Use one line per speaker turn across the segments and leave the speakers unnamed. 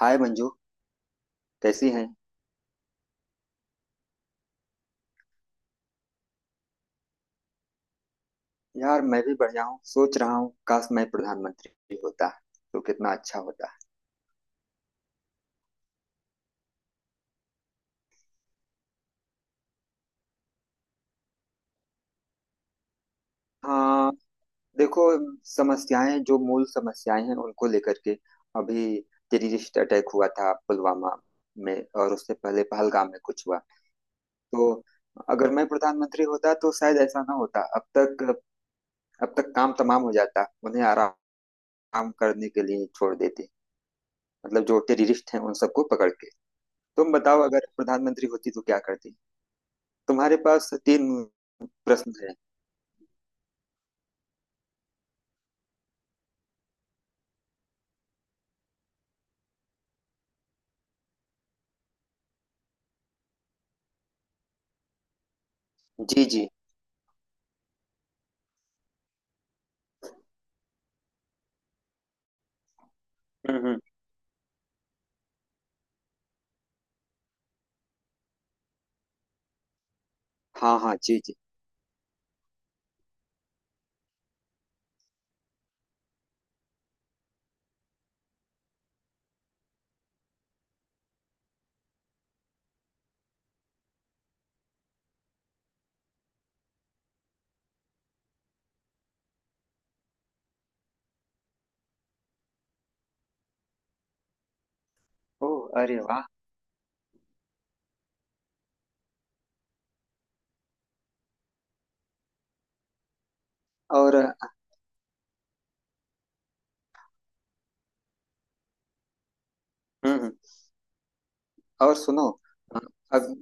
हाय मंजू। कैसी हैं। यार मैं भी बढ़िया हूँ। सोच रहा हूँ काश मैं प्रधानमंत्री होता तो कितना अच्छा होता। हाँ, देखो, समस्याएं जो मूल समस्याएं हैं उनको लेकर के अभी टेररिस्ट अटैक हुआ था पुलवामा में, और उससे पहले पहलगाम में कुछ हुआ। तो अगर मैं प्रधानमंत्री होता तो शायद ऐसा ना होता अब तक। अब तक काम तमाम हो जाता, उन्हें आराम करने के लिए छोड़ देते। मतलब जो टेररिस्ट हैं उन सबको पकड़ के। तुम बताओ अगर प्रधानमंत्री होती तो क्या करती। तुम्हारे पास तीन प्रश्न है। जी जी। हम्म। हाँ हाँ जी जी। ओह, अरे वाह। और हम्म। और सुनो, अग,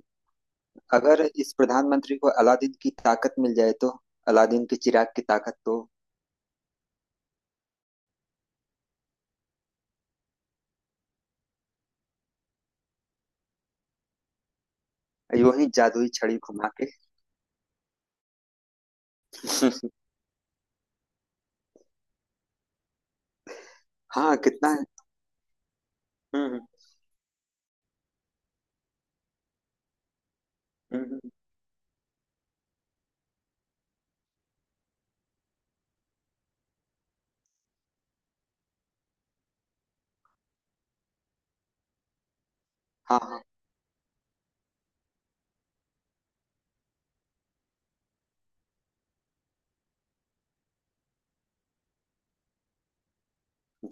अगर इस प्रधानमंत्री को अलादीन की ताकत मिल जाए तो। अलादीन के चिराग की ताकत तो यूं ही जादुई छड़ी घुमा के। हाँ कितना है। हम्म। हम्म, हम्म, हाँ हाँ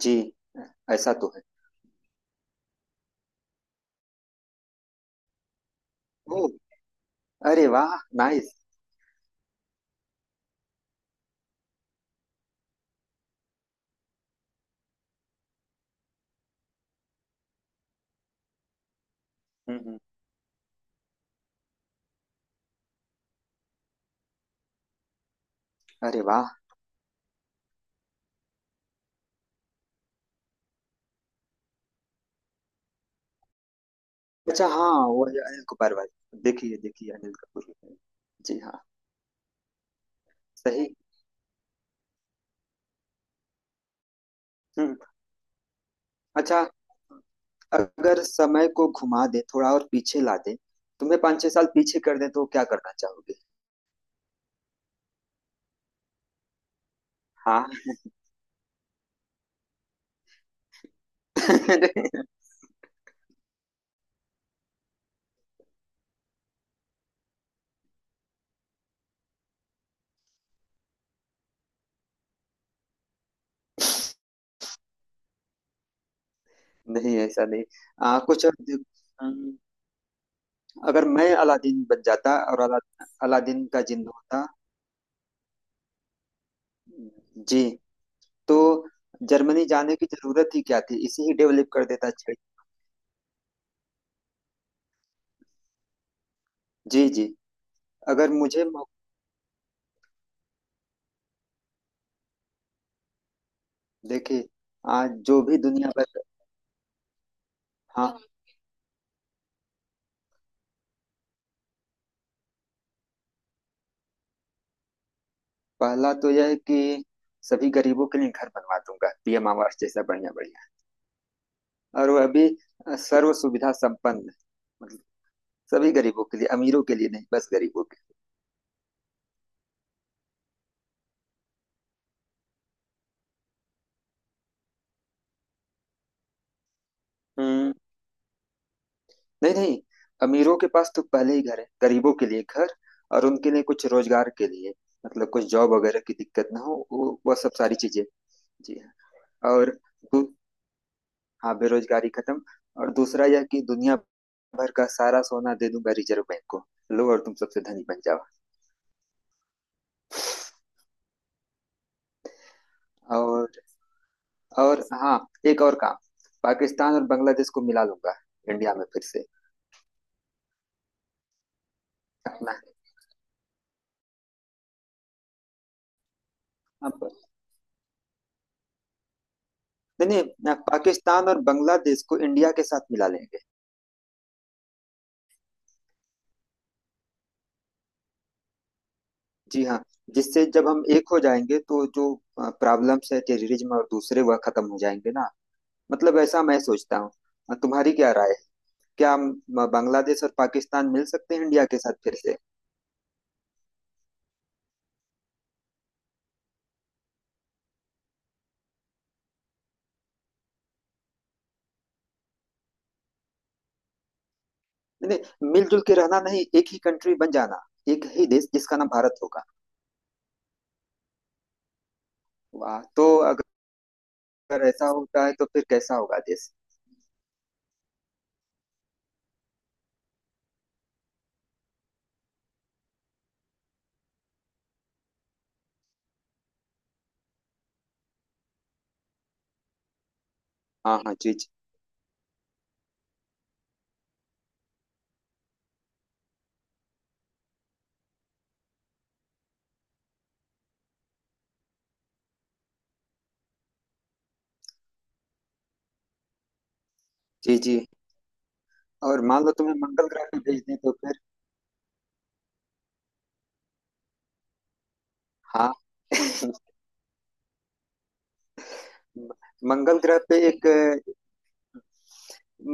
जी। ऐसा तो है। ओ, अरे वाह, नाइस। हम्म, हम्म। अरे वाह। अच्छा, हाँ वो है अनिल कपूर भाई, देखिए देखिए अनिल कपूर। जी हाँ। सही। हम्म। अच्छा, अगर समय को घुमा दे थोड़ा और पीछे ला दे, तुम्हें पाँच छह साल पीछे कर दे तो क्या करना चाहोगे। हाँ। नहीं ऐसा नहीं। कुछ और अम, अगर मैं अलादीन बन जाता और अलादीन का जिन्न होता। जी, तो जर्मनी जाने की जरूरत ही क्या थी, इसे ही डेवलप कर देता। अच्छा। जी जी। अगर मुझे मौ- देखिए, आज जो भी दुनिया भर। हाँ, पहला तो यह है कि सभी गरीबों के लिए घर बनवा दूंगा, पीएम आवास जैसा बढ़िया बढ़िया। और वह भी सर्व सुविधा संपन्न। मतलब सभी गरीबों के लिए, अमीरों के लिए नहीं, बस गरीबों के। हम्म। नहीं नहीं, अमीरों के पास तो पहले ही घर है, गरीबों के लिए घर। और उनके लिए कुछ रोजगार के लिए, मतलब कुछ जॉब वगैरह की दिक्कत ना हो, वो वह सब सारी चीजें। जी हाँ। और दू, हाँ बेरोजगारी खत्म। और दूसरा यह कि दुनिया भर का सारा सोना दे दूंगा रिजर्व बैंक को। लो, और तुम सबसे धनी बन जाओ। और और हाँ, एक और काम। पाकिस्तान और बांग्लादेश को मिला लूंगा इंडिया में फिर से। अपना। अब नहीं नहीं ना, पाकिस्तान और बांग्लादेश को इंडिया के साथ मिला लेंगे। जी हाँ। जिससे जब हम एक हो जाएंगे तो जो प्रॉब्लम्स है टेररिज्म और दूसरे वह खत्म हो जाएंगे ना। मतलब ऐसा मैं सोचता हूँ। तुम्हारी क्या राय है। क्या हम बांग्लादेश और पाकिस्तान मिल सकते हैं इंडिया के साथ फिर से। नहीं नहीं, मिलजुल के रहना नहीं, एक ही कंट्री बन जाना। एक ही देश जिसका नाम भारत होगा। वाह, तो अगर ऐसा होता है तो फिर कैसा होगा देश। हाँ हाँ जी जी। जी जी। और मान लो तुम्हें मंगल ग्रह पे भेज दें तो फिर। हाँ। मंगल ग्रह पे एक,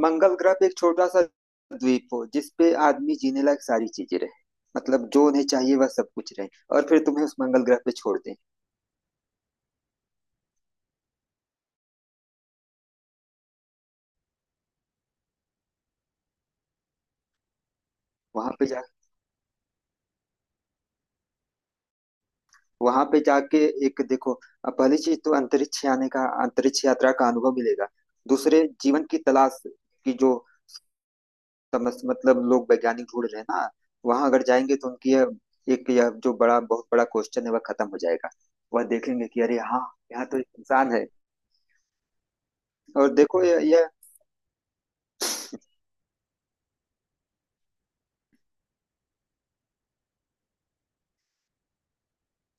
मंगल ग्रह पे एक छोटा सा द्वीप हो जिसपे आदमी जीने लायक सारी चीजें रहे। मतलब जो उन्हें चाहिए वह सब कुछ रहे। और फिर तुम्हें उस मंगल ग्रह पे छोड़ दें। वहां पे जा वहां पे जाके, एक देखो, अब पहली चीज तो अंतरिक्ष आने का, अंतरिक्ष यात्रा का अनुभव मिलेगा। दूसरे जीवन की तलाश की जो समझ, मतलब लोग वैज्ञानिक ढूंढ रहे हैं ना। वहां अगर जाएंगे तो उनकी यह एक यह जो बड़ा बहुत बड़ा क्वेश्चन है वह खत्म हो जाएगा। वह देखेंगे कि अरे हाँ, यहाँ तो एक इंसान है। और देखो, यह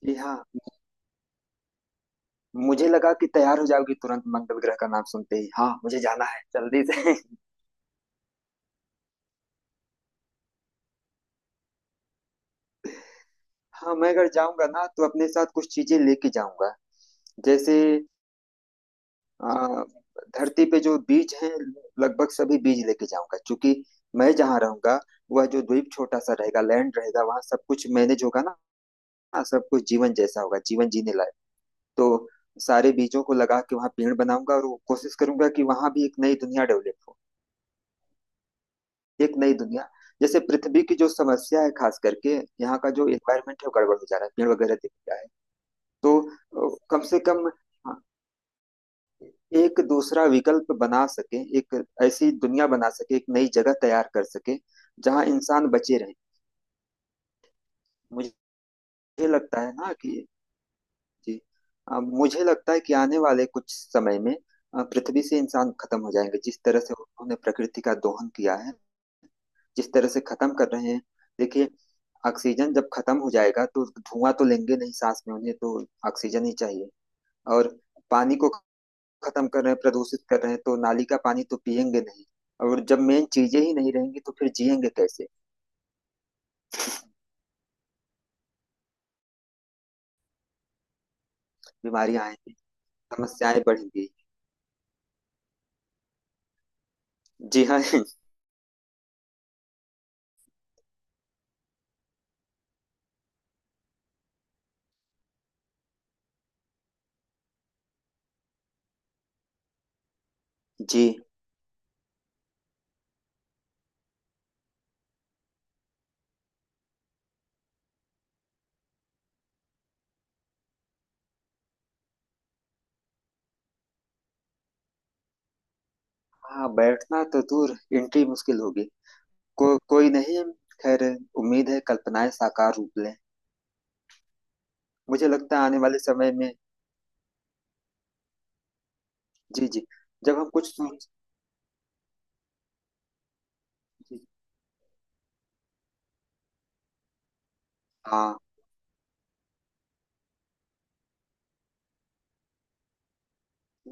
ये हाँ, मुझे लगा कि तैयार हो जाओगी तुरंत मंगल ग्रह का नाम सुनते ही, हाँ मुझे जाना है जल्दी से। हाँ मैं अगर जाऊंगा ना तो अपने साथ कुछ चीजें लेके जाऊंगा। जैसे आ, धरती पे जो बीज हैं, लगभग सभी बीज लेके जाऊंगा, क्योंकि मैं जहाँ रहूंगा वह जो द्वीप छोटा सा रहेगा, लैंड रहेगा, वहां सब कुछ मैनेज होगा ना। सब कुछ जीवन जैसा होगा, जीवन जीने लायक। तो सारे बीजों को लगा के वहां पेड़ बनाऊंगा और वो कोशिश करूंगा कि वहां भी एक नई दुनिया डेवलप हो। एक नई दुनिया। जैसे पृथ्वी की जो समस्या है, खास करके यहाँ का जो एनवायरमेंट है वो गड़बड़ हो जा रहा है, पेड़ वगैरह दिख रहा है। तो अ, कम से कम हाँ, एक दूसरा विकल्प बना सके, एक ऐसी दुनिया बना सके, एक नई जगह तैयार कर सके जहां इंसान बचे रहे। मुझे लगता है ना कि जी मुझे लगता है कि आने वाले कुछ समय में पृथ्वी से इंसान खत्म हो जाएंगे, जिस तरह से उन्होंने प्रकृति का दोहन किया है, जिस तरह से खत्म कर रहे हैं। देखिए, ऑक्सीजन जब खत्म हो जाएगा तो धुआं तो लेंगे नहीं सांस में, उन्हें तो ऑक्सीजन ही चाहिए। और पानी को खत्म कर रहे हैं, प्रदूषित कर रहे हैं, तो नाली का पानी तो पियेंगे नहीं। और जब मेन चीजें ही नहीं रहेंगी तो फिर जिएंगे कैसे। बीमारियां आएंगी, समस्याएं बढ़ेंगी। जी हाँ। जी हाँ, बैठना तो दूर एंट्री मुश्किल होगी। कोई नहीं, खैर, उम्मीद है कल्पनाएं साकार रूप लें। मुझे लगता है आने वाले समय में। जी जी। जब हम कुछ सोच, जी, हाँ।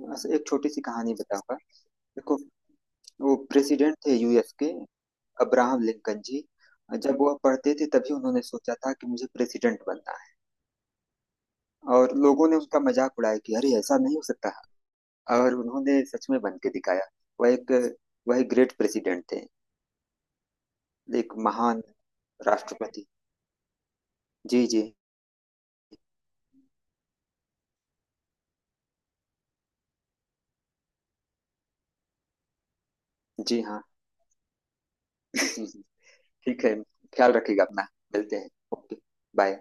बस एक छोटी सी कहानी बताऊंगा। देखो, वो प्रेसिडेंट थे यूएस के, अब्राहम लिंकन जी। जब वह पढ़ते थे तभी उन्होंने सोचा था कि मुझे प्रेसिडेंट बनना है। और लोगों ने उनका मजाक उड़ाया कि अरे ऐसा नहीं हो सकता। और उन्होंने सच में बन के दिखाया। वह एक वह ग्रेट प्रेसिडेंट थे। एक महान राष्ट्रपति। जी जी। जी हाँ। ठीक है, ख्याल रखिएगा अपना। मिलते हैं। Okay, bye.